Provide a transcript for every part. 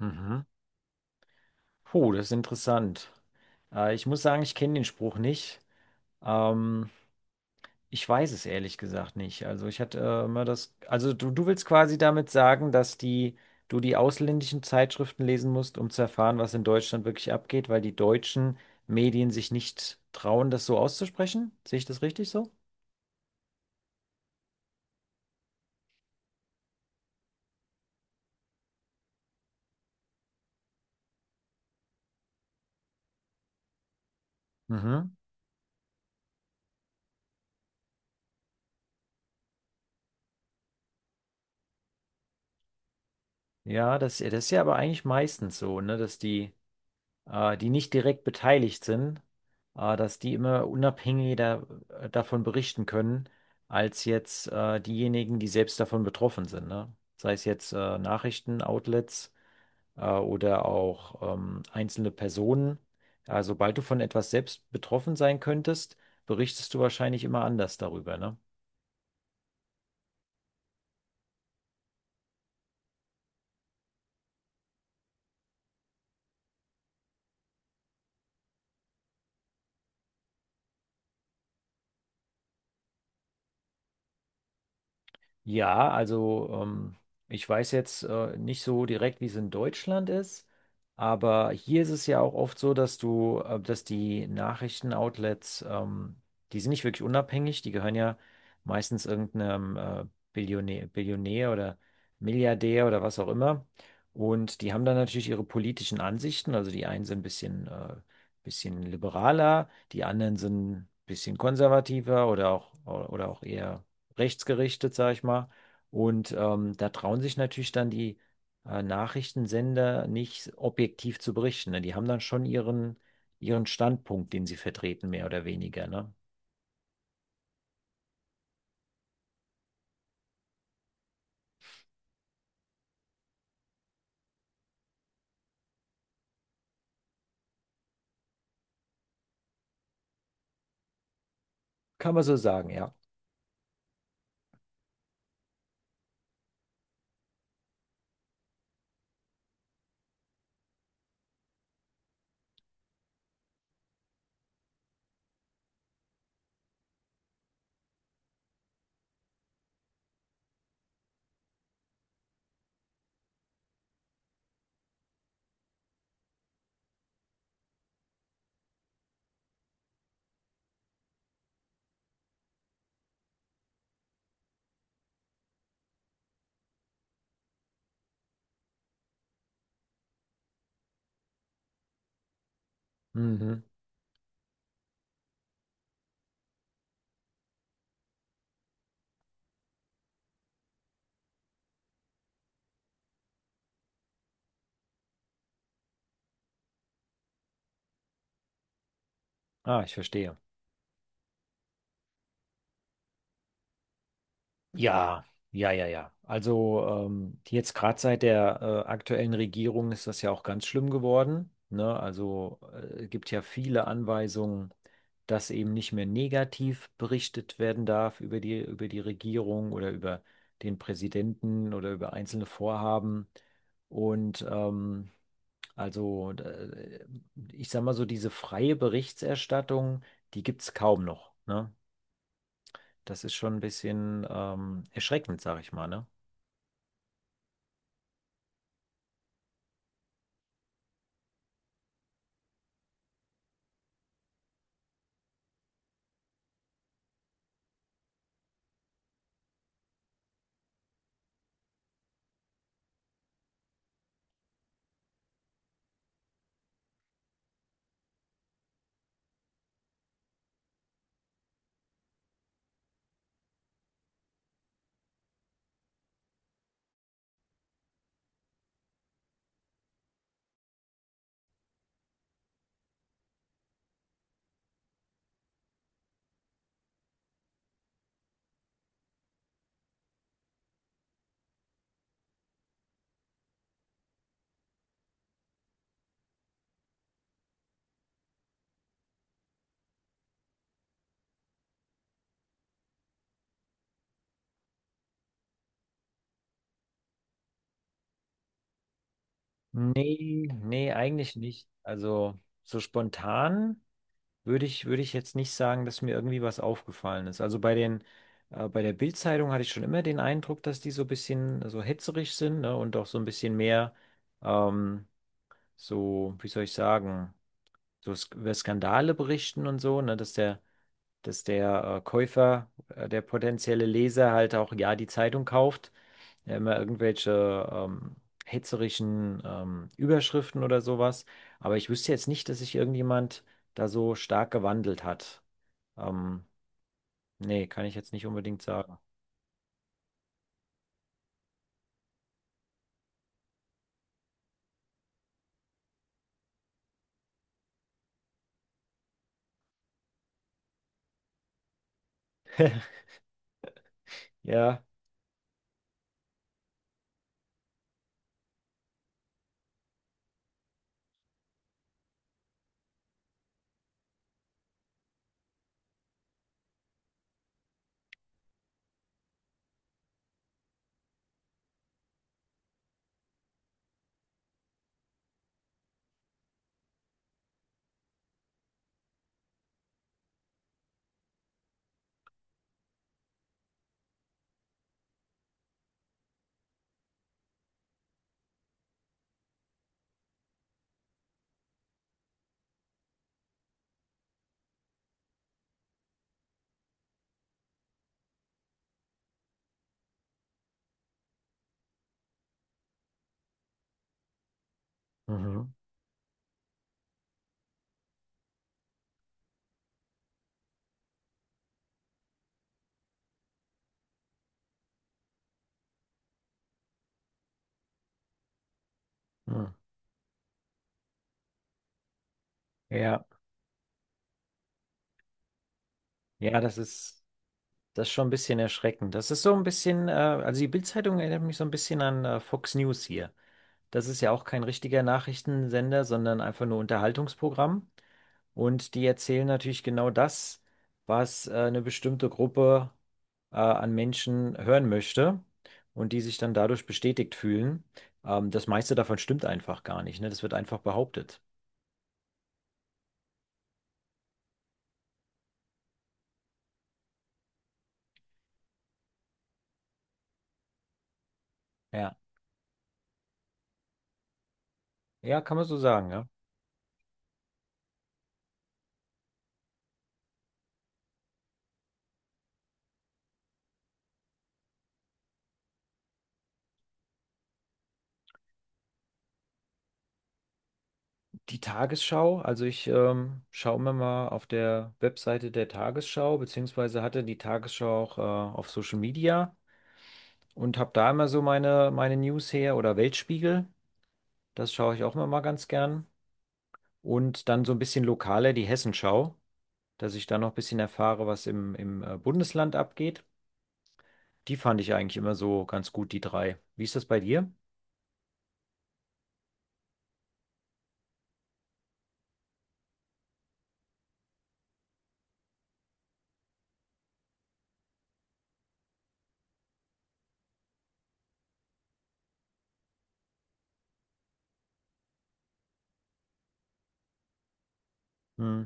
Mhm. Puh, das ist interessant. Ich muss sagen, ich kenne den Spruch nicht. Ähm, ich weiß es ehrlich gesagt nicht. Also ich hatte immer das. Also du willst quasi damit sagen, dass du die ausländischen Zeitschriften lesen musst, um zu erfahren, was in Deutschland wirklich abgeht, weil die deutschen Medien sich nicht trauen, das so auszusprechen? Sehe ich das richtig so? Mhm. Ja, das ist ja aber eigentlich meistens so, ne, dass die die nicht direkt beteiligt sind, dass die immer unabhängiger davon berichten können, als jetzt diejenigen, die selbst davon betroffen sind, ne? Sei es jetzt Nachrichtenoutlets oder auch einzelne Personen. Ja, sobald du von etwas selbst betroffen sein könntest, berichtest du wahrscheinlich immer anders darüber, ne? Ja, also ich weiß jetzt nicht so direkt, wie es in Deutschland ist, aber hier ist es ja auch oft so, dass du, dass die Nachrichtenoutlets, die sind nicht wirklich unabhängig, die gehören ja meistens irgendeinem Billionär, Billionär oder Milliardär oder was auch immer. Und die haben dann natürlich ihre politischen Ansichten, also die einen sind ein bisschen, bisschen liberaler, die anderen sind ein bisschen konservativer oder auch eher rechtsgerichtet, sag ich mal. Und da trauen sich natürlich dann die Nachrichtensender nicht objektiv zu berichten. Ne? Die haben dann schon ihren Standpunkt, den sie vertreten, mehr oder weniger. Ne? Kann man so sagen, ja. Mhm. Ah, ich verstehe. Ja, ja, ja, ja. Also jetzt gerade seit der aktuellen Regierung ist das ja auch ganz schlimm geworden. Ne? Also gibt ja viele Anweisungen, dass eben nicht mehr negativ berichtet werden darf über über die Regierung oder über den Präsidenten oder über einzelne Vorhaben. Und also ich sag mal so, diese freie Berichterstattung, die gibt es kaum noch. Ne? Das ist schon ein bisschen erschreckend, sag ich mal, ne? Nee, nee, eigentlich nicht. Also so spontan würde ich jetzt nicht sagen, dass mir irgendwie was aufgefallen ist. Also bei bei der Bild-Zeitung hatte ich schon immer den Eindruck, dass die so ein bisschen so hetzerig sind, ne? Und auch so ein bisschen mehr ähm, so, wie soll ich sagen, so Sk über Skandale berichten und so, ne? Dass der Käufer, der potenzielle Leser halt auch ja die Zeitung kauft, ja, immer irgendwelche hetzerischen Überschriften oder sowas. Aber ich wüsste jetzt nicht, dass sich irgendjemand da so stark gewandelt hat. Ähm, Nee, kann ich jetzt nicht unbedingt sagen. Ja. Mhm. Hm. Ja, ja, das ist schon ein bisschen erschreckend. Das ist so ein bisschen, also die Bildzeitung erinnert mich so ein bisschen an Fox News hier. Das ist ja auch kein richtiger Nachrichtensender, sondern einfach nur Unterhaltungsprogramm. Und die erzählen natürlich genau das, was eine bestimmte Gruppe an Menschen hören möchte und die sich dann dadurch bestätigt fühlen. Das meiste davon stimmt einfach gar nicht, ne? Das wird einfach behauptet. Ja. Ja, kann man so sagen, ja. Die Tagesschau, also ich schaue mir mal auf der Webseite der Tagesschau, beziehungsweise hatte die Tagesschau auch auf Social Media. Und habe da immer so meine News her oder Weltspiegel. Das schaue ich auch immer mal ganz gern. Und dann so ein bisschen lokaler die Hessenschau, dass ich da noch ein bisschen erfahre, was im Bundesland abgeht. Die fand ich eigentlich immer so ganz gut, die drei. Wie ist das bei dir? Hm.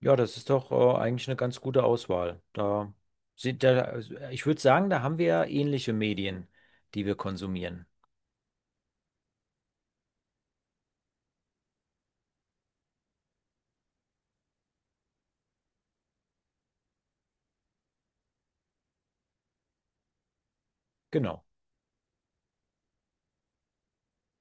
Ja, das ist doch eigentlich eine ganz gute Auswahl. Ich würde sagen, da haben wir ähnliche Medien, die wir konsumieren. Genau.